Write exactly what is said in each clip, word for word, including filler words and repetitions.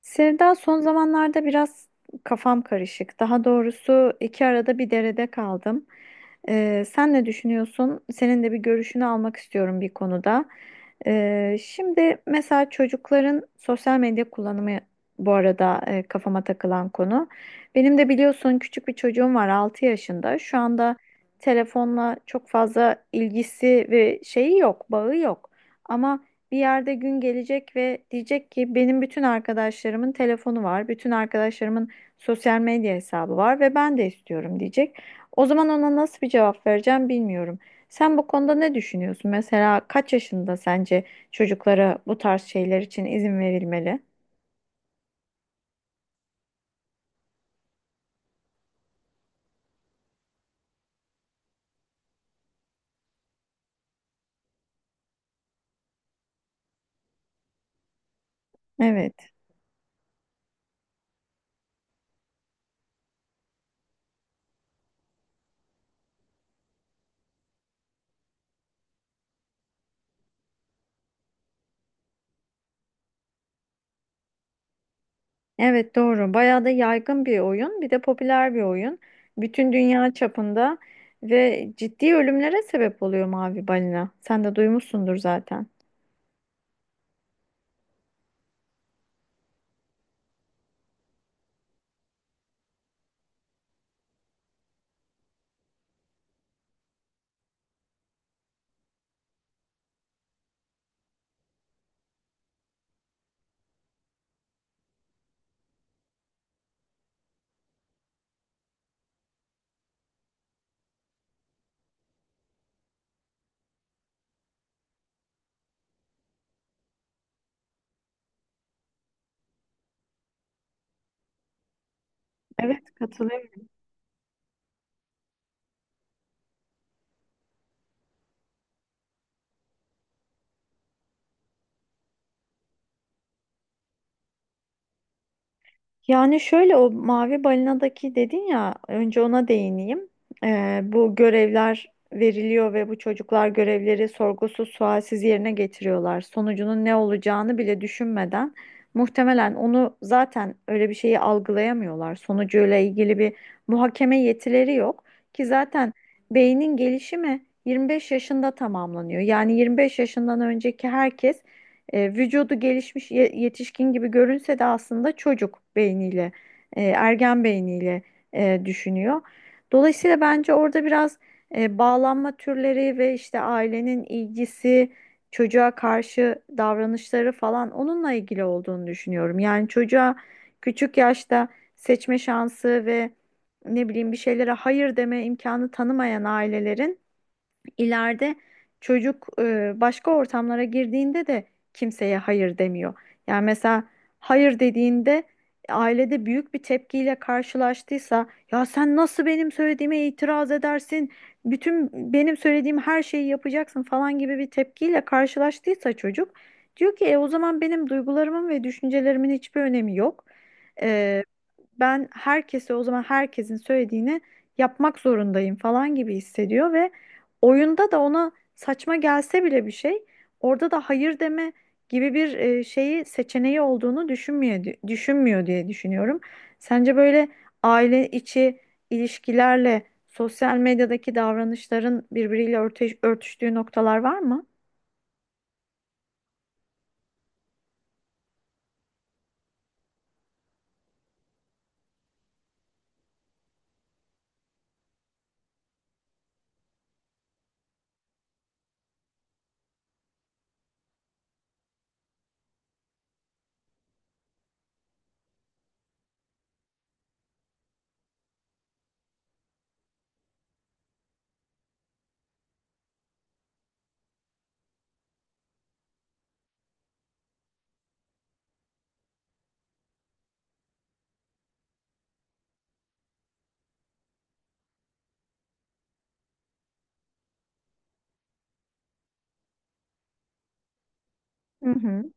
Sevda son zamanlarda biraz kafam karışık. Daha doğrusu iki arada bir derede kaldım. Ee, sen ne düşünüyorsun? Senin de bir görüşünü almak istiyorum bir konuda. Ee, şimdi mesela çocukların sosyal medya kullanımı bu arada e, kafama takılan konu. Benim de biliyorsun küçük bir çocuğum var altı yaşında. Şu anda telefonla çok fazla ilgisi ve şeyi yok, bağı yok. Ama bir yerde gün gelecek ve diyecek ki benim bütün arkadaşlarımın telefonu var, bütün arkadaşlarımın sosyal medya hesabı var ve ben de istiyorum diyecek. O zaman ona nasıl bir cevap vereceğim bilmiyorum. Sen bu konuda ne düşünüyorsun? Mesela kaç yaşında sence çocuklara bu tarz şeyler için izin verilmeli? Evet. Evet, doğru. Bayağı da yaygın bir oyun, bir de popüler bir oyun. Bütün dünya çapında ve ciddi ölümlere sebep oluyor mavi balina. Sen de duymuşsundur zaten. Evet, katılıyorum. Yani şöyle o mavi balinadaki dedin ya önce ona değineyim. Ee, bu görevler veriliyor ve bu çocuklar görevleri sorgusuz sualsiz yerine getiriyorlar. Sonucunun ne olacağını bile düşünmeden muhtemelen onu zaten öyle bir şeyi algılayamıyorlar. Sonucuyla ilgili bir muhakeme yetileri yok ki zaten beynin gelişimi yirmi beş yaşında tamamlanıyor. Yani yirmi beş yaşından önceki herkes e, vücudu gelişmiş ye- yetişkin gibi görünse de aslında çocuk beyniyle, e, ergen beyniyle e, düşünüyor. Dolayısıyla bence orada biraz e, bağlanma türleri ve işte ailenin ilgisi, çocuğa karşı davranışları falan onunla ilgili olduğunu düşünüyorum. Yani çocuğa küçük yaşta seçme şansı ve ne bileyim bir şeylere hayır deme imkanı tanımayan ailelerin ileride çocuk e, başka ortamlara girdiğinde de kimseye hayır demiyor. Yani mesela hayır dediğinde ailede büyük bir tepkiyle karşılaştıysa ya sen nasıl benim söylediğime itiraz edersin? Bütün benim söylediğim her şeyi yapacaksın falan gibi bir tepkiyle karşılaştıysa çocuk diyor ki e, o zaman benim duygularımın ve düşüncelerimin hiçbir önemi yok. E, Ben herkese o zaman herkesin söylediğini yapmak zorundayım falan gibi hissediyor ve oyunda da ona saçma gelse bile bir şey orada da hayır deme gibi bir e, şeyi seçeneği olduğunu düşünmüyor, düşünmüyor diye düşünüyorum. Sence böyle aile içi ilişkilerle sosyal medyadaki davranışların birbiriyle örteş- örtüştüğü noktalar var mı? Hı hı.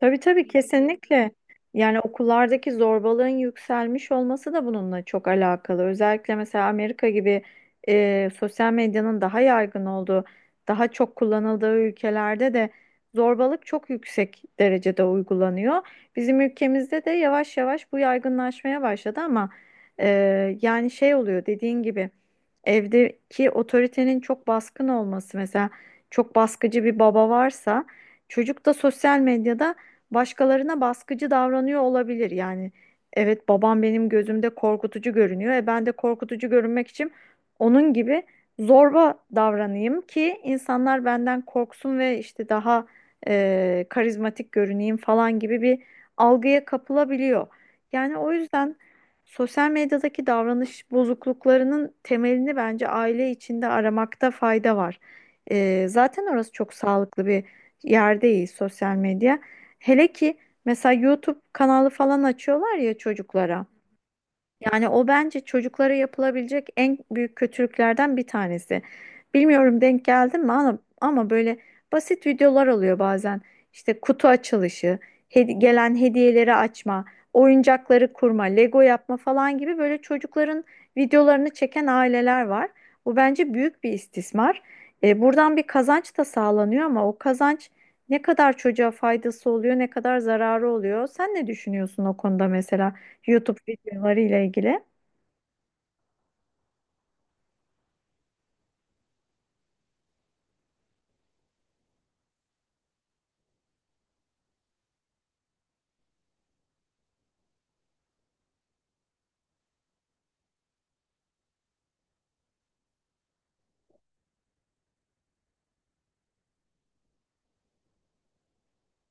Tabii tabii, kesinlikle. Yani okullardaki zorbalığın yükselmiş olması da bununla çok alakalı. Özellikle mesela Amerika gibi e, sosyal medyanın daha yaygın olduğu, daha çok kullanıldığı ülkelerde de zorbalık çok yüksek derecede uygulanıyor. Bizim ülkemizde de yavaş yavaş bu yaygınlaşmaya başladı ama e, yani şey oluyor dediğin gibi. Evdeki otoritenin çok baskın olması mesela çok baskıcı bir baba varsa çocuk da sosyal medyada başkalarına baskıcı davranıyor olabilir. Yani evet, babam benim gözümde korkutucu görünüyor. E ben de korkutucu görünmek için onun gibi zorba davranayım ki insanlar benden korksun ve işte daha e, karizmatik görüneyim falan gibi bir algıya kapılabiliyor. Yani o yüzden sosyal medyadaki davranış bozukluklarının temelini bence aile içinde aramakta fayda var. Ee, zaten orası çok sağlıklı bir yer değil sosyal medya. Hele ki mesela YouTube kanalı falan açıyorlar ya çocuklara. Yani o bence çocuklara yapılabilecek en büyük kötülüklerden bir tanesi. Bilmiyorum denk geldin mi ama, ama böyle basit videolar oluyor bazen. İşte kutu açılışı, hedi- gelen hediyeleri açma, oyuncakları kurma, Lego yapma falan gibi böyle çocukların videolarını çeken aileler var. Bu bence büyük bir istismar. E, buradan bir kazanç da sağlanıyor ama o kazanç ne kadar çocuğa faydası oluyor, ne kadar zararı oluyor? Sen ne düşünüyorsun o konuda mesela? YouTube videoları ile ilgili.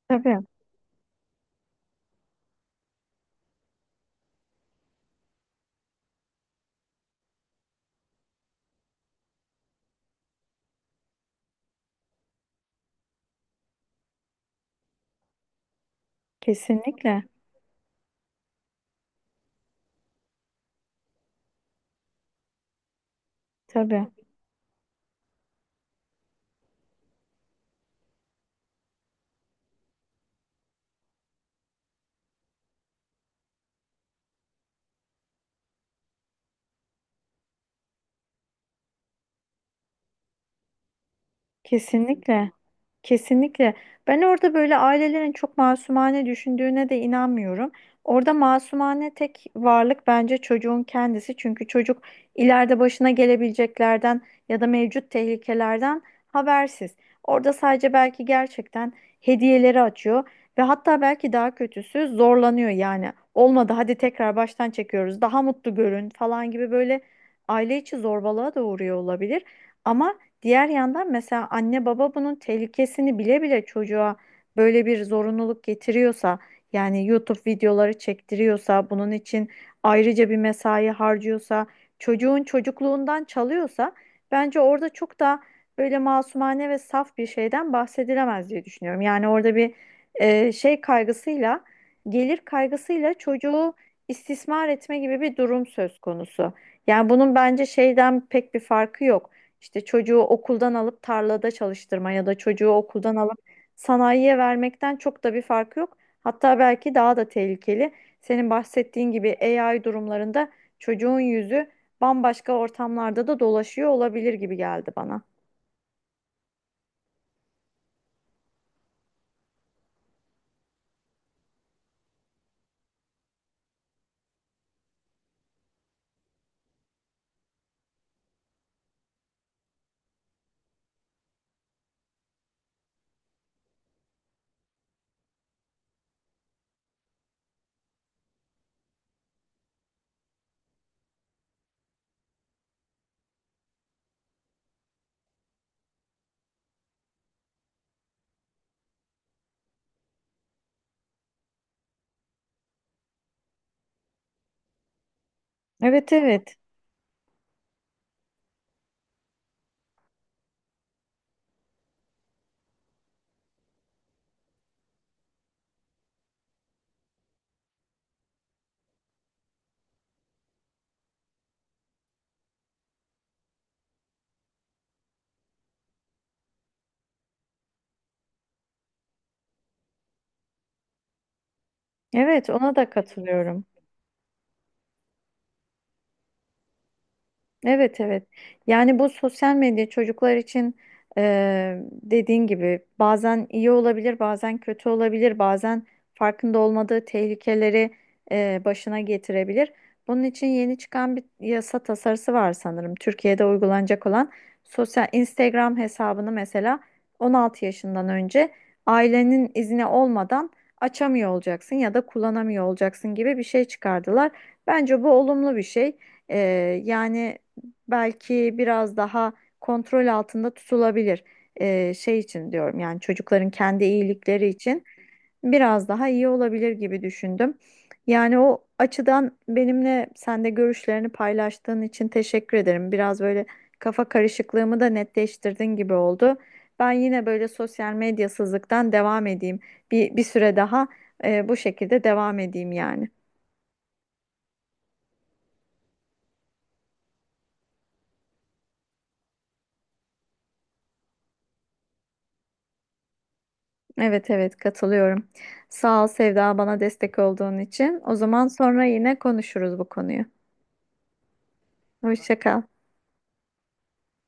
Tabii, kesinlikle. Tabii, kesinlikle. Kesinlikle. Ben orada böyle ailelerin çok masumane düşündüğüne de inanmıyorum. Orada masumane tek varlık bence çocuğun kendisi. Çünkü çocuk ileride başına gelebileceklerden ya da mevcut tehlikelerden habersiz. Orada sadece belki gerçekten hediyeleri açıyor ve hatta belki daha kötüsü zorlanıyor yani. Olmadı hadi tekrar baştan çekiyoruz. Daha mutlu görün falan gibi böyle aile içi zorbalığa da uğruyor olabilir. Ama diğer yandan mesela anne baba bunun tehlikesini bile bile çocuğa böyle bir zorunluluk getiriyorsa yani YouTube videoları çektiriyorsa bunun için ayrıca bir mesai harcıyorsa çocuğun çocukluğundan çalıyorsa bence orada çok da böyle masumane ve saf bir şeyden bahsedilemez diye düşünüyorum. Yani orada bir e, şey kaygısıyla, gelir kaygısıyla çocuğu istismar etme gibi bir durum söz konusu. Yani bunun bence şeyden pek bir farkı yok. İşte çocuğu okuldan alıp tarlada çalıştırma ya da çocuğu okuldan alıp sanayiye vermekten çok da bir fark yok. Hatta belki daha da tehlikeli. Senin bahsettiğin gibi A I durumlarında çocuğun yüzü bambaşka ortamlarda da dolaşıyor olabilir gibi geldi bana. Evet evet. Evet, ona da katılıyorum. Evet evet. Yani bu sosyal medya çocuklar için eee, dediğin gibi bazen iyi olabilir, bazen kötü olabilir, bazen farkında olmadığı tehlikeleri eee, başına getirebilir. Bunun için yeni çıkan bir yasa tasarısı var sanırım. Türkiye'de uygulanacak olan sosyal Instagram hesabını mesela on altı yaşından önce ailenin izni olmadan açamıyor olacaksın ya da kullanamıyor olacaksın gibi bir şey çıkardılar. Bence bu olumlu bir şey. Ee, yani belki biraz daha kontrol altında tutulabilir. Ee, şey için diyorum yani çocukların kendi iyilikleri için biraz daha iyi olabilir gibi düşündüm. Yani o açıdan benimle sen de görüşlerini paylaştığın için teşekkür ederim. Biraz böyle kafa karışıklığımı da netleştirdin gibi oldu. Ben yine böyle sosyal medyasızlıktan devam edeyim. Bir, bir süre daha e, bu şekilde devam edeyim yani. Evet evet, katılıyorum. Sağ ol Sevda, bana destek olduğun için. O zaman sonra yine konuşuruz bu konuyu. Hoşça kal.